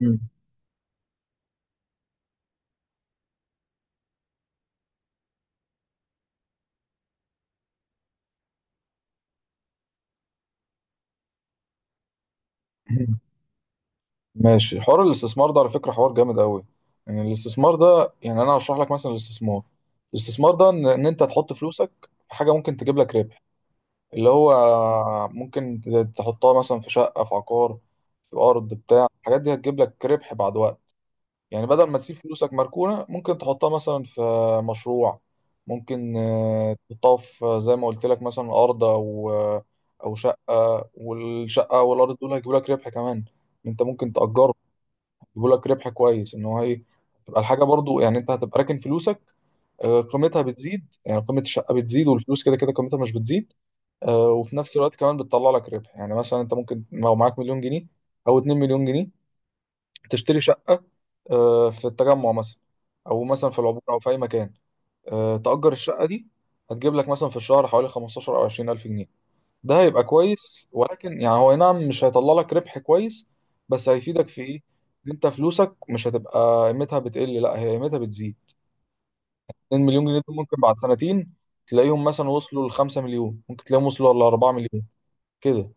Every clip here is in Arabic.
مم. مم. ماشي، حوار الاستثمار ده على فكرة حوار جامد قوي. يعني الاستثمار ده، يعني انا هشرح لك مثلا الاستثمار ده، إن انت تحط فلوسك في حاجة ممكن تجيب لك ربح، اللي هو ممكن تحطها مثلا في شقة، في عقار، في ارض، بتاع الحاجات دي هتجيب لك ربح بعد وقت. يعني بدل ما تسيب فلوسك مركونة، ممكن تحطها مثلا في مشروع. ممكن تحطها في، زي ما قلت لك، مثلا أرض، أو شقة. والشقة والأرض دول هيجيبوا لك ربح كمان. أنت ممكن تأجرهم، يجيبوا لك ربح كويس. إن هو إيه، تبقى الحاجة برضو، يعني أنت هتبقى راكن فلوسك، قيمتها بتزيد. يعني قيمة الشقة بتزيد والفلوس كده كده قيمتها مش بتزيد. وفي نفس الوقت كمان بتطلع لك ربح. يعني مثلا أنت ممكن لو معاك مليون جنيه أو 2 مليون جنيه، تشتري شقة في التجمع مثلا، او مثلا في العبور، او في اي مكان. تأجر الشقة دي، هتجيب لك مثلا في الشهر حوالي 15 او 20 الف جنيه. ده هيبقى كويس، ولكن يعني هو أي نعم مش هيطلع لك ربح كويس، بس هيفيدك في ايه؟ إن انت فلوسك مش هتبقى قيمتها بتقل، لا هي قيمتها بتزيد. 2 مليون جنيه دول ممكن بعد سنتين تلاقيهم مثلا وصلوا ل 5 مليون، ممكن تلاقيهم وصلوا ل 4 مليون كده.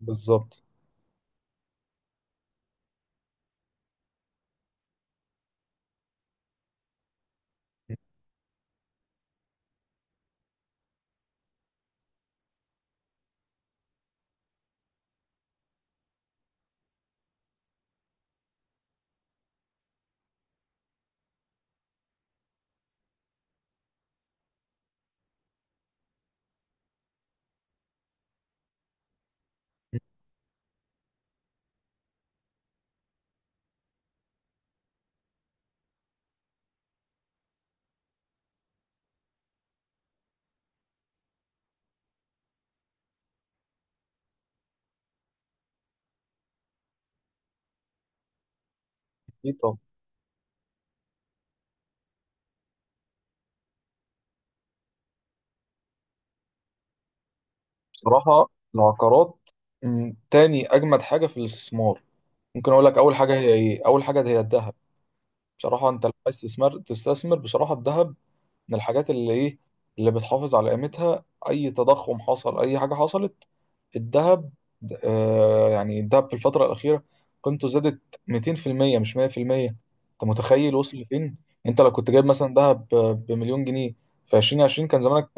بالظبط. ايه طب. بصراحة العقارات تاني اجمد حاجة في الاستثمار. ممكن اقول لك اول حاجة هي ايه. اول حاجة هي الذهب. بصراحة انت لو عايز تستثمر، تستثمر بصراحة الذهب. من الحاجات اللي ايه، اللي بتحافظ على قيمتها. اي تضخم حصل، اي حاجة حصلت، الذهب. آه، يعني الذهب في الفترة الأخيرة قيمته زادت 200%، مش 100%. انت متخيل وصل لفين؟ انت لو كنت جايب مثلا ذهب بمليون جنيه في 2020 كان زمانك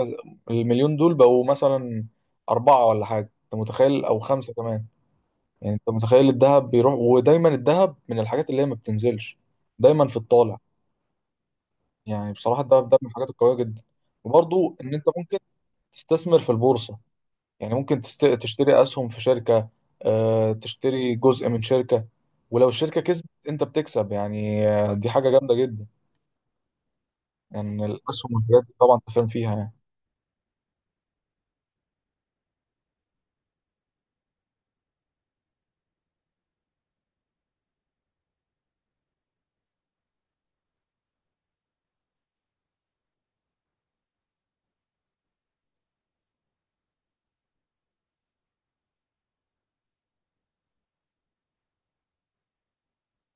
المليون دول بقوا مثلا أربعة ولا حاجة، انت متخيل، أو خمسة كمان. يعني انت متخيل الذهب بيروح، ودايما الذهب من الحاجات اللي هي ما بتنزلش، دايما في الطالع. يعني بصراحة الدهب ده من الحاجات القوية جدا. وبرضو إن أنت ممكن تستثمر في البورصة. يعني ممكن تشتري أسهم في شركة، تشتري جزء من شركة. ولو الشركة كسبت أنت بتكسب. يعني دي حاجة جامدة جدا. يعني الأسهم والحاجات دي طبعا أنت فاهم فيها يعني.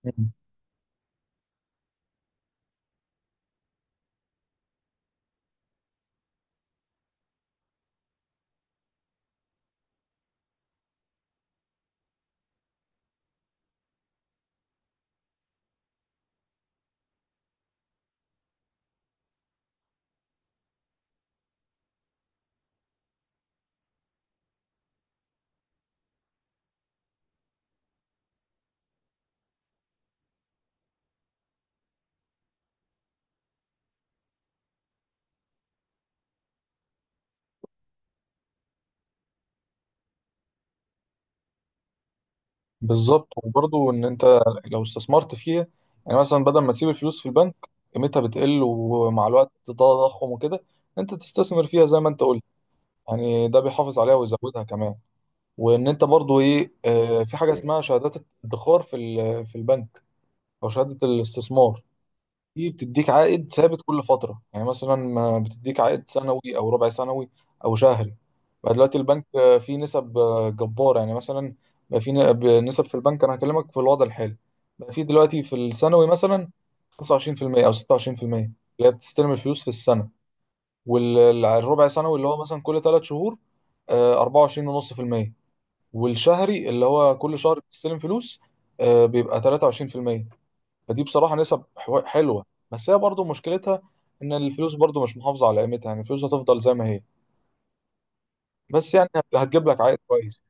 مم. بالظبط. وبرضو إن أنت لو استثمرت فيها، يعني مثلا بدل ما تسيب الفلوس في البنك قيمتها بتقل، ومع الوقت التضخم وكده، أنت تستثمر فيها زي ما أنت قلت. يعني ده بيحافظ عليها ويزودها كمان. وان انت برضو ايه، في حاجه إيه، اسمها شهادات الادخار في في البنك، او شهاده الاستثمار. دي بتديك عائد ثابت كل فتره. يعني مثلا ما بتديك عائد سنوي او ربع سنوي او شهري. بقى دلوقتي البنك فيه نسب جباره. يعني مثلا بقى في نسب في البنك، انا هكلمك في الوضع الحالي. بقى في دلوقتي في الثانوي مثلا 25% او 26%، اللي هي بتستلم الفلوس في السنه. والربع سنوي اللي هو مثلا كل ثلاث شهور، 24.5%. والشهري اللي هو كل شهر بتستلم فلوس، بيبقى 23%. فدي بصراحة نسب حلوة، بس هي برضو مشكلتها ان الفلوس برضو مش محافظة على قيمتها. يعني الفلوس هتفضل زي ما هي، بس يعني هتجيب لك عائد كويس.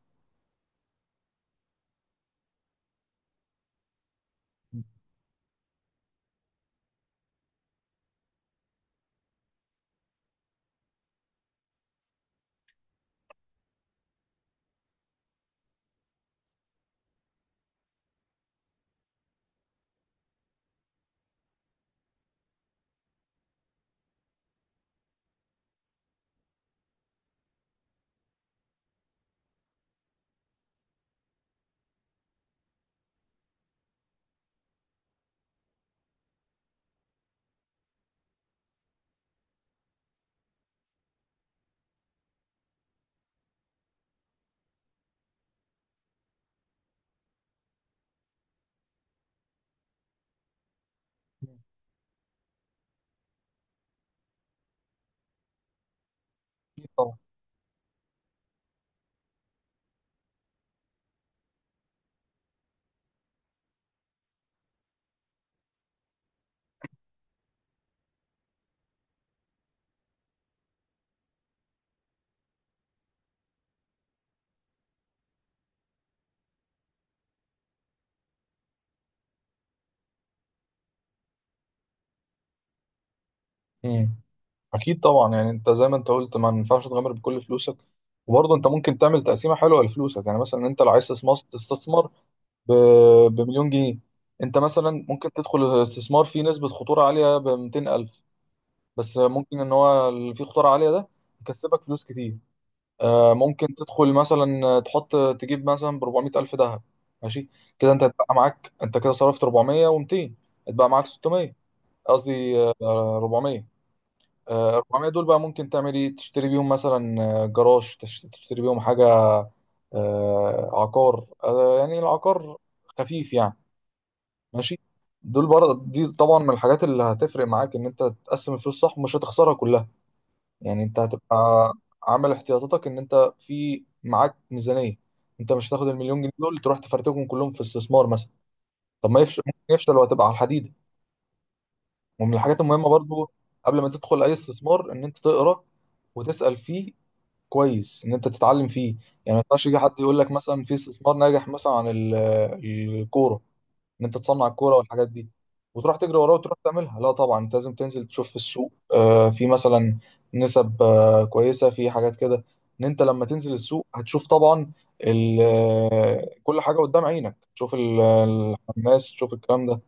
اكيد طبعا. مم. اكيد طبعا يعني انت زي ما انت قلت ما ينفعش تغامر بكل فلوسك. وبرضه انت ممكن تعمل تقسيمه حلوه لفلوسك. يعني مثلا انت لو عايز تستثمر، تستثمر ب... بمليون جنيه. انت مثلا ممكن تدخل الاستثمار فيه نسبه خطوره عاليه ب 200,000، بس ممكن ان هو اللي فيه خطوره عاليه ده يكسبك فلوس كتير. ممكن تدخل مثلا، تحط، تجيب مثلا ب 400 الف ذهب. ماشي. كده انت هتبقى معاك، انت كده صرفت 400 و200، هتبقى معاك 600. قصدي 400. 400 دول بقى ممكن تعمل ايه؟ تشتري بيهم مثلا جراج، تشتري بيهم حاجه عقار، يعني العقار خفيف يعني. ماشي. دول برضه، دي طبعا من الحاجات اللي هتفرق معاك، ان انت تقسم الفلوس صح ومش هتخسرها كلها. يعني انت هتبقى عامل احتياطاتك، ان انت في معاك ميزانية. انت مش هتاخد المليون جنيه دول تروح تفرتكهم كلهم في استثمار مثلا. طب ما يفشل، ممكن يفشل وهتبقى على الحديدة. ومن الحاجات المهمة برضو قبل ما تدخل اي استثمار ان انت تقرا وتسأل فيه كويس، ان انت تتعلم فيه. يعني ما ينفعش يجي حد يقول لك مثلا في استثمار ناجح مثلا عن الكورة، ان انت تصنع الكوره والحاجات دي وتروح تجري وراه وتروح تعملها. لا طبعا انت لازم تنزل تشوف في السوق، في مثلا نسب كويسه في حاجات كده. ان انت لما تنزل السوق هتشوف طبعا كل حاجه قدام عينك، تشوف الناس، تشوف الكلام ده.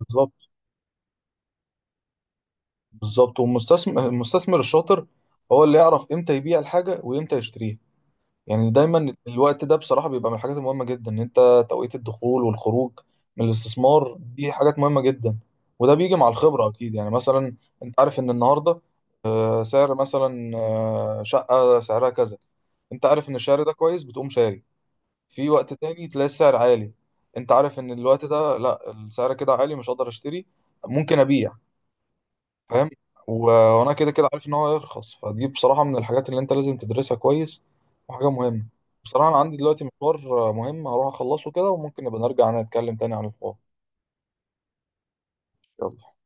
بالظبط. بالظبط. والمستثمر الشاطر هو اللي يعرف امتى يبيع الحاجه وامتى يشتريها. يعني دايما الوقت ده بصراحة بيبقى من الحاجات المهمة جدا، ان انت توقيت الدخول والخروج من الاستثمار دي حاجات مهمة جدا. وده بيجي مع الخبرة اكيد. يعني مثلا انت عارف ان النهاردة سعر مثلا شقة سعرها كذا، انت عارف ان السعر ده كويس، بتقوم شاري. في وقت تاني تلاقي السعر عالي، انت عارف ان الوقت ده لا، السعر كده عالي، مش هقدر اشتري، ممكن ابيع. فاهم؟ و- وانا كده كده عارف ان هو هيرخص. فدي بصراحه من الحاجات اللي انت لازم تدرسها كويس، وحاجه مهمه. بصراحه انا عندي دلوقتي مشوار مهم هروح اخلصه كده، وممكن نبقى نرجع نتكلم تاني عن الحوار. يلا